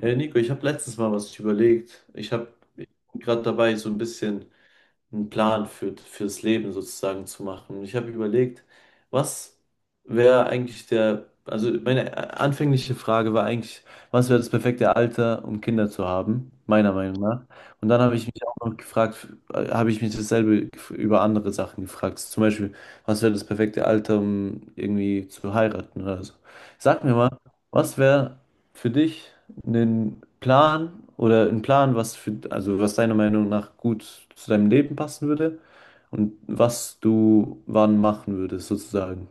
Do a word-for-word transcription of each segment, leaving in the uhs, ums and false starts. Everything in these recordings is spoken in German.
Hey Nico, ich habe letztens mal was überlegt. Ich habe gerade dabei, so ein bisschen einen Plan für, fürs Leben sozusagen zu machen. Ich habe überlegt, was wäre eigentlich der, also meine äh, anfängliche Frage war eigentlich, was wäre das perfekte Alter, um Kinder zu haben, meiner Meinung nach. Und dann habe ich mich auch noch gefragt, äh, habe ich mich dasselbe gef- über andere Sachen gefragt. Zum Beispiel, was wäre das perfekte Alter, um irgendwie zu heiraten oder so. Sag mir mal, was wäre für dich einen Plan oder einen Plan, was für, also was deiner Meinung nach gut zu deinem Leben passen würde und was du wann machen würdest, sozusagen.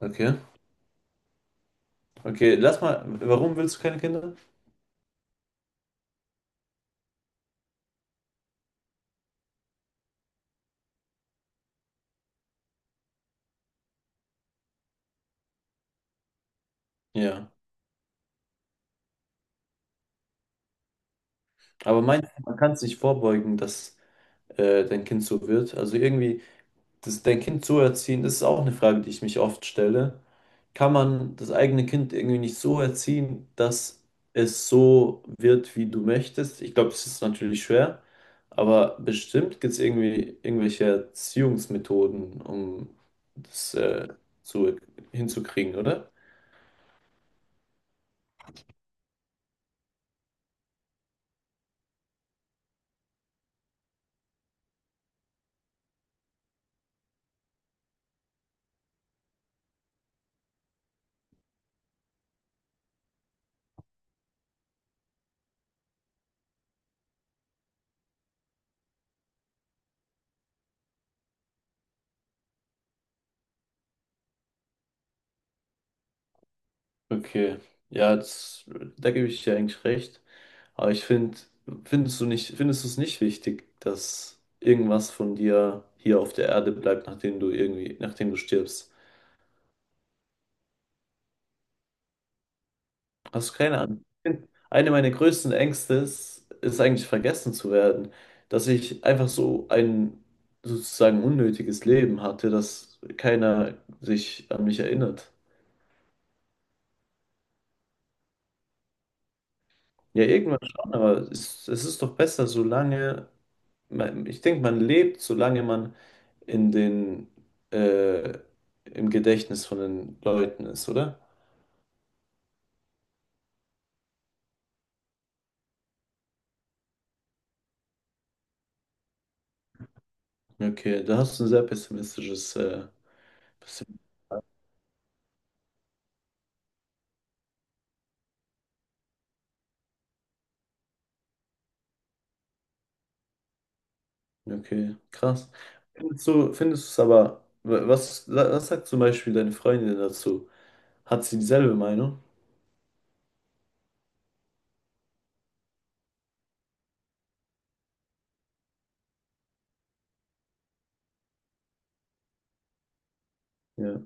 Okay. Okay, lass mal, warum willst du keine Kinder? Ja. Aber meinst du, man kann es nicht vorbeugen, dass äh, dein Kind so wird? Also irgendwie. das, dein Kind so erziehen, das ist auch eine Frage, die ich mich oft stelle. Kann man das eigene Kind irgendwie nicht so erziehen, dass es so wird, wie du möchtest? Ich glaube, das ist natürlich schwer, aber bestimmt gibt es irgendwie irgendwelche Erziehungsmethoden, um das äh, zu, hinzukriegen, oder? Okay, ja, das, da gebe ich dir eigentlich recht. Aber ich finde, findest du nicht, findest du es nicht wichtig, dass irgendwas von dir hier auf der Erde bleibt, nachdem du irgendwie, nachdem du stirbst? Hast du keine Ahnung? Eine meiner größten Ängste ist, ist eigentlich vergessen zu werden, dass ich einfach so ein sozusagen unnötiges Leben hatte, dass keiner sich an mich erinnert. Ja, irgendwann schon, aber es, es ist doch besser, solange, man, ich denke, man lebt, solange man in den, äh, im Gedächtnis von den Leuten ist, oder? Okay, da hast du ein sehr pessimistisches, äh, pessim- okay, krass. Findest du, findest du es aber, wa- was, was sagt zum Beispiel deine Freundin dazu? Hat sie dieselbe Meinung? Ja.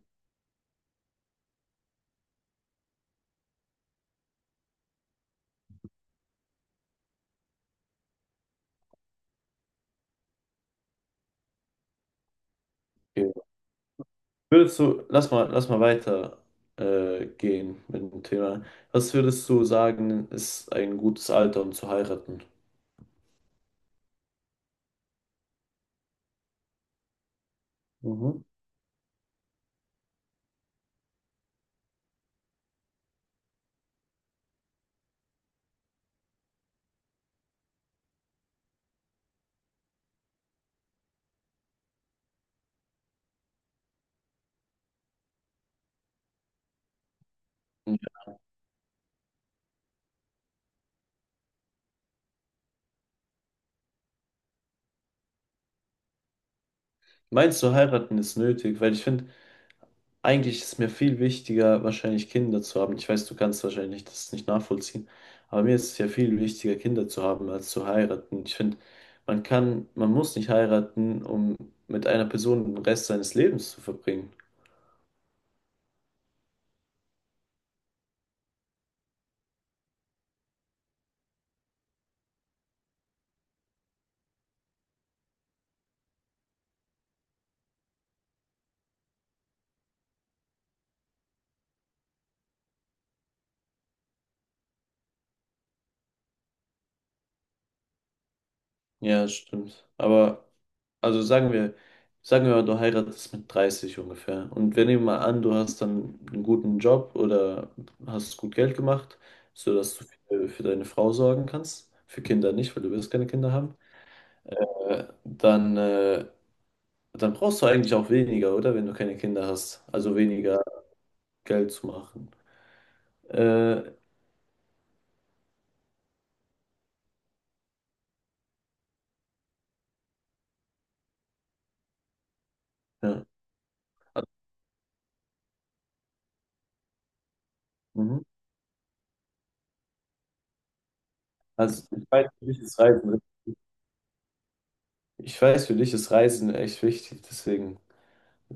Okay. Würdest du, lass mal, lass mal weiter äh, gehen mit dem Thema. Was würdest du sagen, ist ein gutes Alter, um zu heiraten? Mhm. Meinst du, heiraten ist nötig? Weil ich finde, eigentlich ist mir viel wichtiger, wahrscheinlich Kinder zu haben. Ich weiß, du kannst wahrscheinlich das nicht nachvollziehen, aber mir ist es ja viel wichtiger, Kinder zu haben, als zu heiraten. Ich finde, man kann, man muss nicht heiraten, um mit einer Person den Rest seines Lebens zu verbringen. Ja, das stimmt. Aber, also sagen wir, sagen wir mal, du heiratest mit dreißig ungefähr. Und wir nehmen mal an, du hast dann einen guten Job oder hast gut Geld gemacht, sodass du für, für deine Frau sorgen kannst. Für Kinder nicht, weil du wirst keine Kinder haben. Äh, dann, äh, dann brauchst du eigentlich auch weniger, oder? Wenn du keine Kinder hast. Also weniger Geld zu machen. Äh, ja. Mhm. Also ich weiß, für dich ist Reisen. Ich weiß, für dich ist Reisen echt wichtig, deswegen.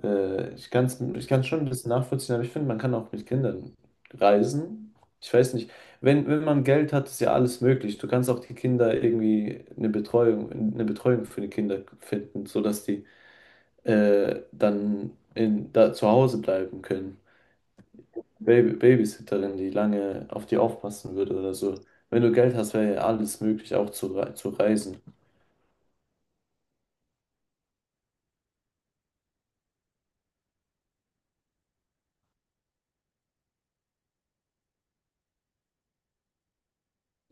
Äh, ich kann es ich kann's schon ein bisschen nachvollziehen, aber ich finde, man kann auch mit Kindern reisen. Ich weiß nicht, wenn, wenn man Geld hat, ist ja alles möglich. Du kannst auch die Kinder irgendwie eine Betreuung, eine Betreuung für die Kinder finden, sodass die äh, dann in, da zu Hause bleiben können. Baby, Babysitterin, die lange auf die aufpassen würde oder so. Wenn du Geld hast, wäre ja alles möglich, auch zu, rei- zu reisen.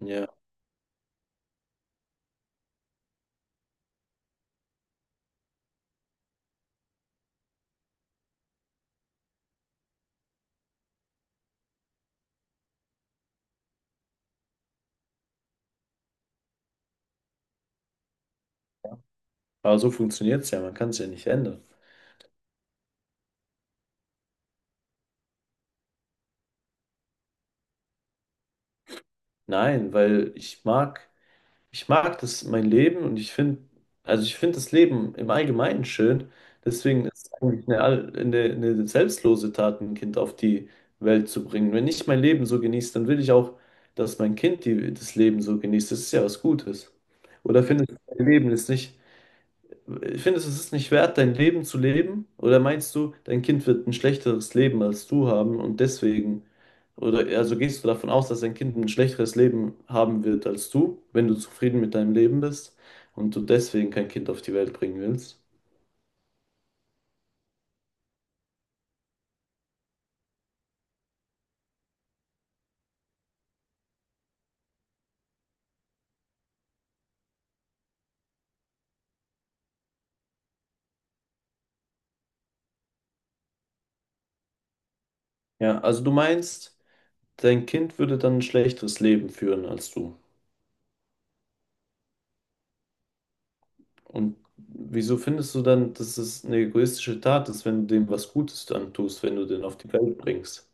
Ja, aber so funktioniert es ja, man kann es ja nicht ändern. Nein, weil ich mag. Ich mag das, mein Leben und ich finde, also ich finde das Leben im Allgemeinen schön. Deswegen ist es eigentlich eine, all- eine, eine selbstlose Tat, ein Kind auf die Welt zu bringen. Wenn ich mein Leben so genieße, dann will ich auch, dass mein Kind die, das Leben so genießt. Das ist ja was Gutes. Oder findest du, mein Leben ist nicht. Findest du, es ist nicht wert, dein Leben zu leben? Oder meinst du, dein Kind wird ein schlechteres Leben als du haben und deswegen, oder also gehst du davon aus, dass dein Kind ein schlechteres Leben haben wird als du, wenn du zufrieden mit deinem Leben bist und du deswegen kein Kind auf die Welt bringen willst? Ja, also du meinst, dein Kind würde dann ein schlechteres Leben führen als du. Und wieso findest du dann, dass es eine egoistische Tat ist, wenn du dem was Gutes antust, wenn du den auf die Welt bringst?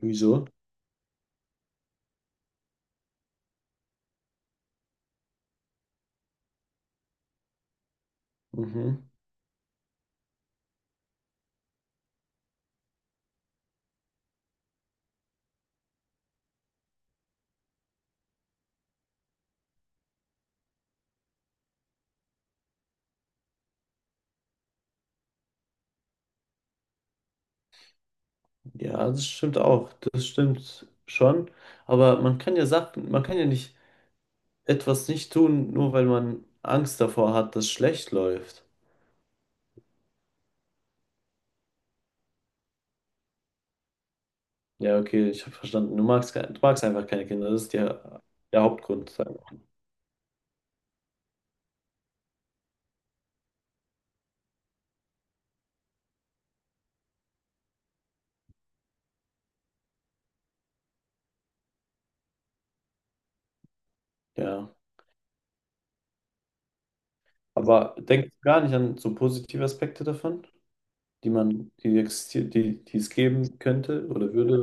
Wieso? Mhm. Ja, das stimmt auch. Das stimmt schon. Aber man kann ja Sachen, man kann ja nicht etwas nicht tun, nur weil man Angst davor hat, dass schlecht läuft. Ja, okay, ich habe verstanden. Du magst, ke- du magst einfach keine Kinder. Das ist der, der Hauptgrund, sagen wir. Ja. Aber denkst du gar nicht an so positive Aspekte davon, die man, die existieren, die, die es geben könnte oder würde?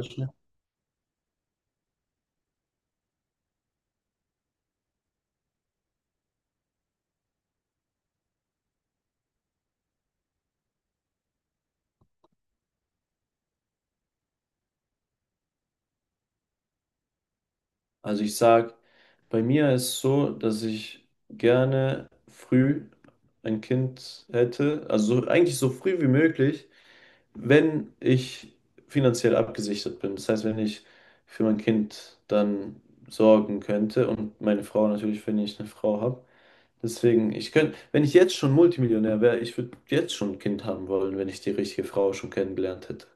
Also ich sag, bei mir ist es so, dass ich gerne früh ein Kind hätte, also so- eigentlich so früh wie möglich, wenn ich finanziell abgesichert bin. Das heißt, wenn ich für mein Kind dann sorgen könnte und meine Frau natürlich, wenn ich eine Frau habe. Deswegen, ich könnte, wenn ich jetzt schon Multimillionär wäre, ich würde jetzt schon ein Kind haben wollen, wenn ich die richtige Frau schon kennengelernt hätte.